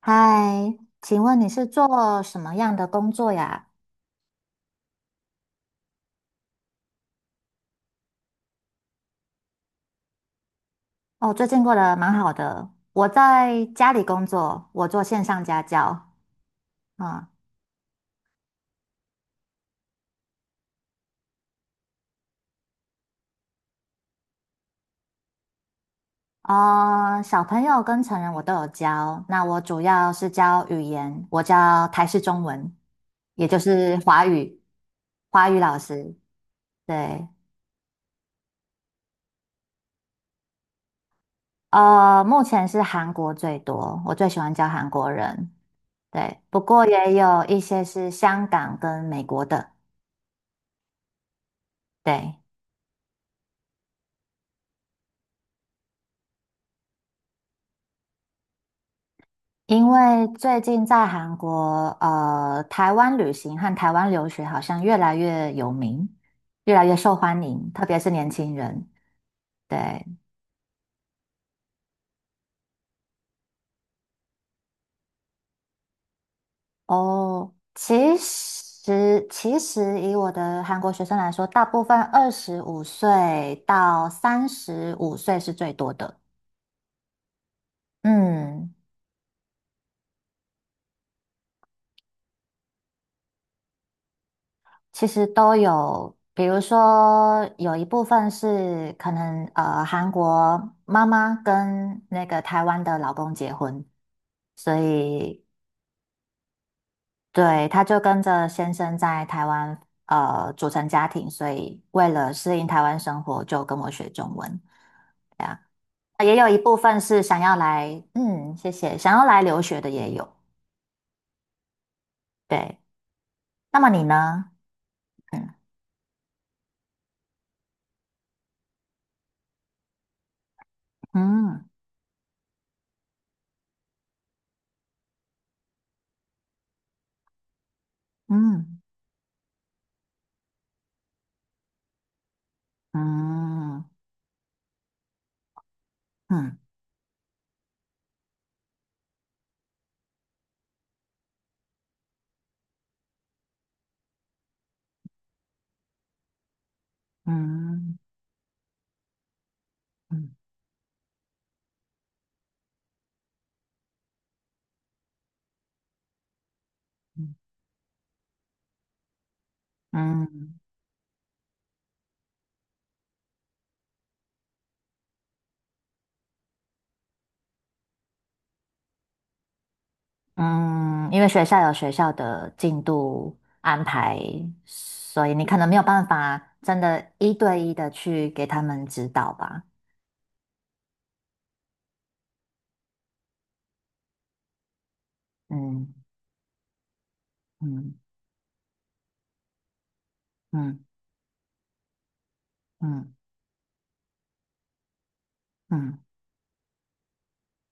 嗨，请问你是做什么样的工作呀？哦，最近过得蛮好的。我在家里工作，我做线上家教。啊小朋友跟成人我都有教。那我主要是教语言，我教台式中文，也就是华语，华语老师。对，目前是韩国最多，我最喜欢教韩国人。对，不过也有一些是香港跟美国的。对。因为最近在韩国，台湾旅行和台湾留学好像越来越有名，越来越受欢迎，特别是年轻人。对，哦，其实以我的韩国学生来说，大部分25岁到35岁是最多的。嗯。其实都有，比如说有一部分是可能韩国妈妈跟那个台湾的老公结婚，所以对他就跟着先生在台湾组成家庭，所以为了适应台湾生活，就跟我学中文。对啊，也有一部分是想要来，嗯，谢谢，想要来留学的也有。对，那么你呢？嗯嗯嗯嗯嗯嗯。嗯嗯嗯嗯，嗯，因为学校有学校的进度安排，所以你可能没有办法真的一对一的去给他们指导吧。嗯嗯嗯嗯嗯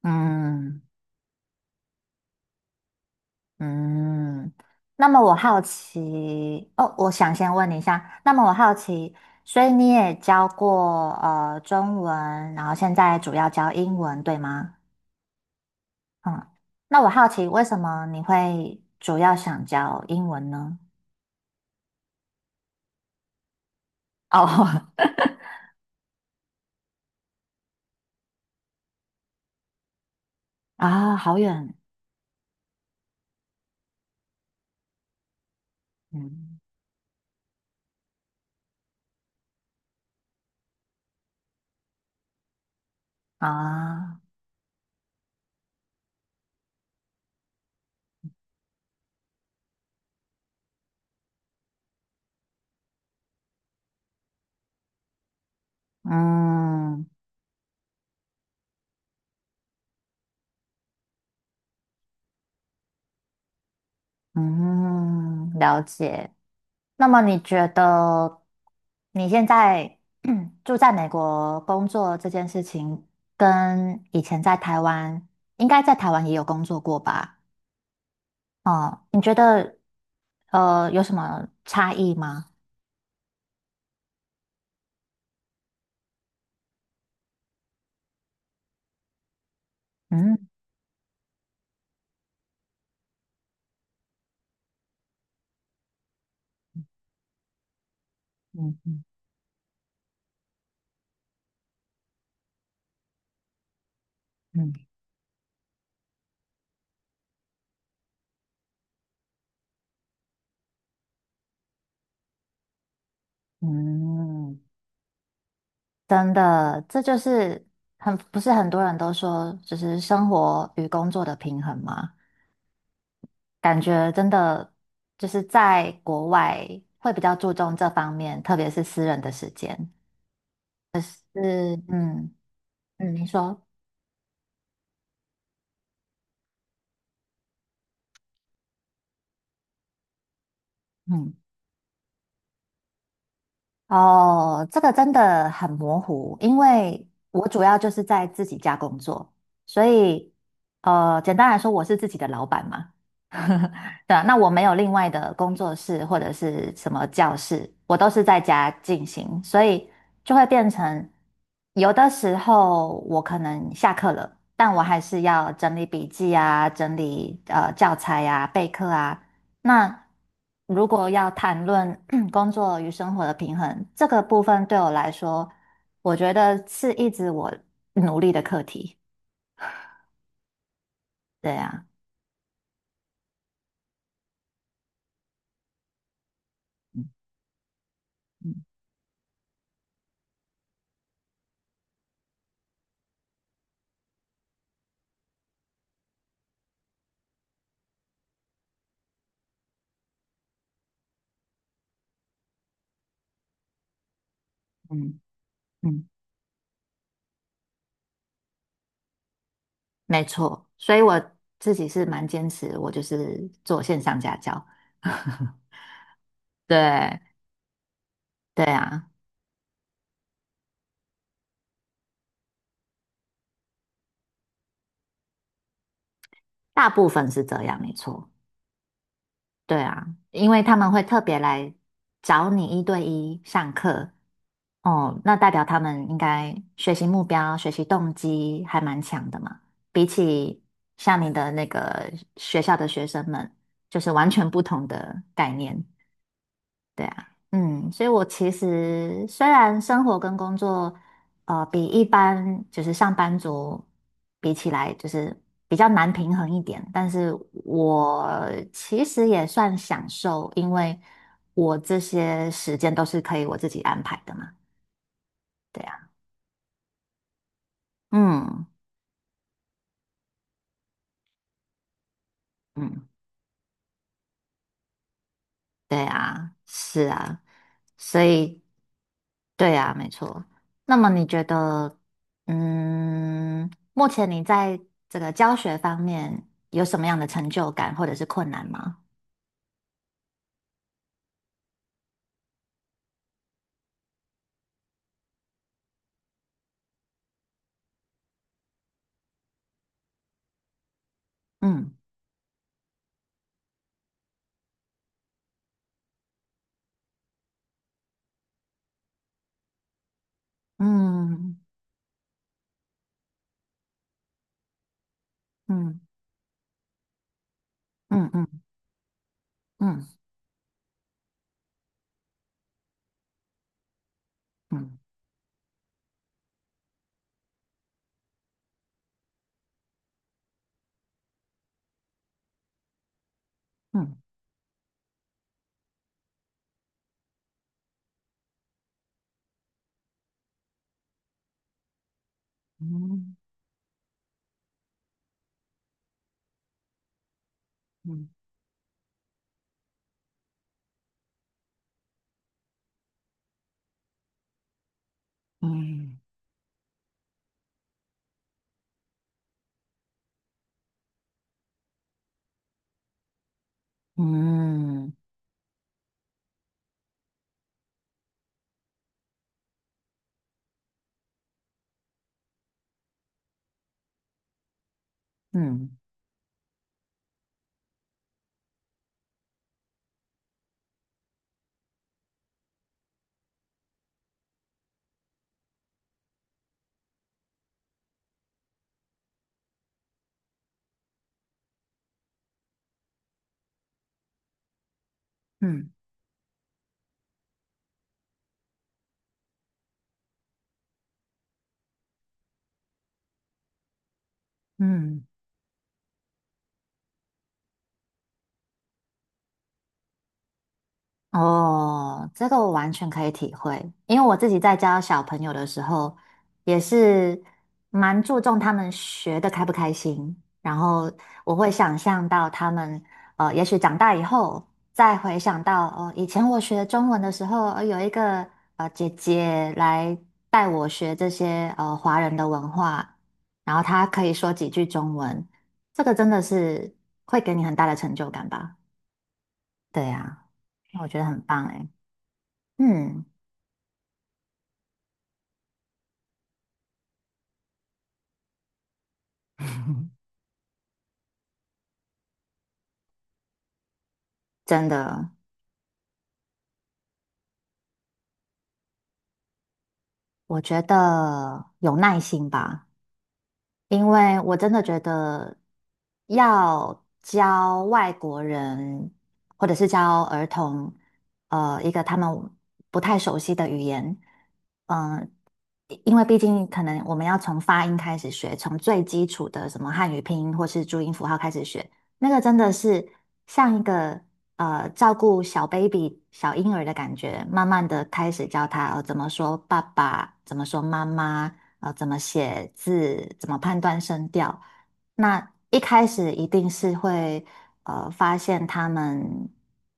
嗯嗯。那么我好奇，哦，我想先问你一下，那么我好奇，所以你也教过中文，然后现在主要教英文，对吗？嗯，那我好奇，为什么你会主要想教英文呢？哦，啊，好远，嗯，啊，嗯嗯，了解。那么你觉得你现在 住在美国工作这件事情，跟以前在台湾，应该在台湾也有工作过吧？哦，你觉得有什么差异吗？嗯嗯嗯嗯嗯。真的，这就是很，不是很多人都说，就是生活与工作的平衡吗？感觉真的就是在国外会比较注重这方面，特别是私人的时间。是，嗯嗯，你说，嗯，哦，这个真的很模糊，因为我主要就是在自己家工作，所以简单来说，我是自己的老板嘛。对啊，那我没有另外的工作室或者是什么教室，我都是在家进行，所以就会变成有的时候我可能下课了，但我还是要整理笔记啊，整理教材啊，备课啊。那如果要谈论 工作与生活的平衡，这个部分对我来说，我觉得是一直我努力的课题。对啊，嗯嗯。没错，所以我自己是蛮坚持，我就是做线上家教。对对啊，大部分是这样，没错。对啊，因为他们会特别来找你一对一上课，哦，那代表他们应该学习目标、学习动机还蛮强的嘛。比起像你的那个学校的学生们，就是完全不同的概念。对啊，嗯，所以我其实虽然生活跟工作，比一般就是上班族比起来，就是比较难平衡一点，但是我其实也算享受，因为我这些时间都是可以我自己安排的嘛。对啊，嗯嗯，对啊，是啊，所以。对呀，没错。那么你觉得，嗯，目前你在这个教学方面有什么样的成就感，或者是困难吗？嗯嗯嗯嗯嗯嗯嗯嗯嗯嗯嗯嗯嗯嗯嗯嗯嗯嗯哦，这个我完全可以体会，因为我自己在教小朋友的时候，也是蛮注重他们学的开不开心，然后我会想象到他们，也许长大以后再回想到，哦，以前我学中文的时候，有一个姐姐来带我学这些华人的文化，然后她可以说几句中文，这个真的是会给你很大的成就感吧？对呀，我觉得很棒诶。嗯，真的，我觉得有耐心吧。因为我真的觉得要教外国人或者是教儿童，一个他们不太熟悉的语言，嗯、因为毕竟可能我们要从发音开始学，从最基础的什么汉语拼音或是注音符号开始学，那个真的是像一个照顾小 baby 小婴儿的感觉，慢慢的开始教他、怎么说爸爸，怎么说妈妈。怎么写字，怎么判断声调。那一开始一定是会发现他们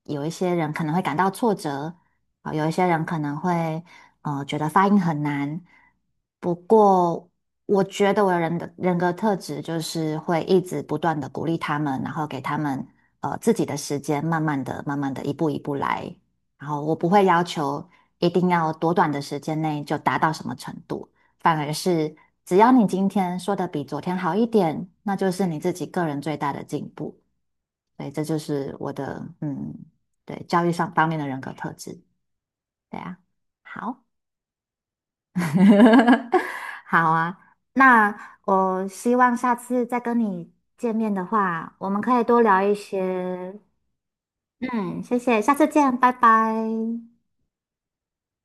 有一些人可能会感到挫折，啊、有一些人可能会觉得发音很难。不过我觉得我的人的人格特质就是会一直不断的鼓励他们，然后给他们自己的时间，慢慢的、慢慢的一步一步来。然后我不会要求一定要多短的时间内就达到什么程度。反而是只要你今天说的比昨天好一点，那就是你自己个人最大的进步。对，这就是我的对，教育上方面的人格特质。对啊，好，好啊。那我希望下次再跟你见面的话，我们可以多聊一些。嗯，谢谢，下次见，拜拜。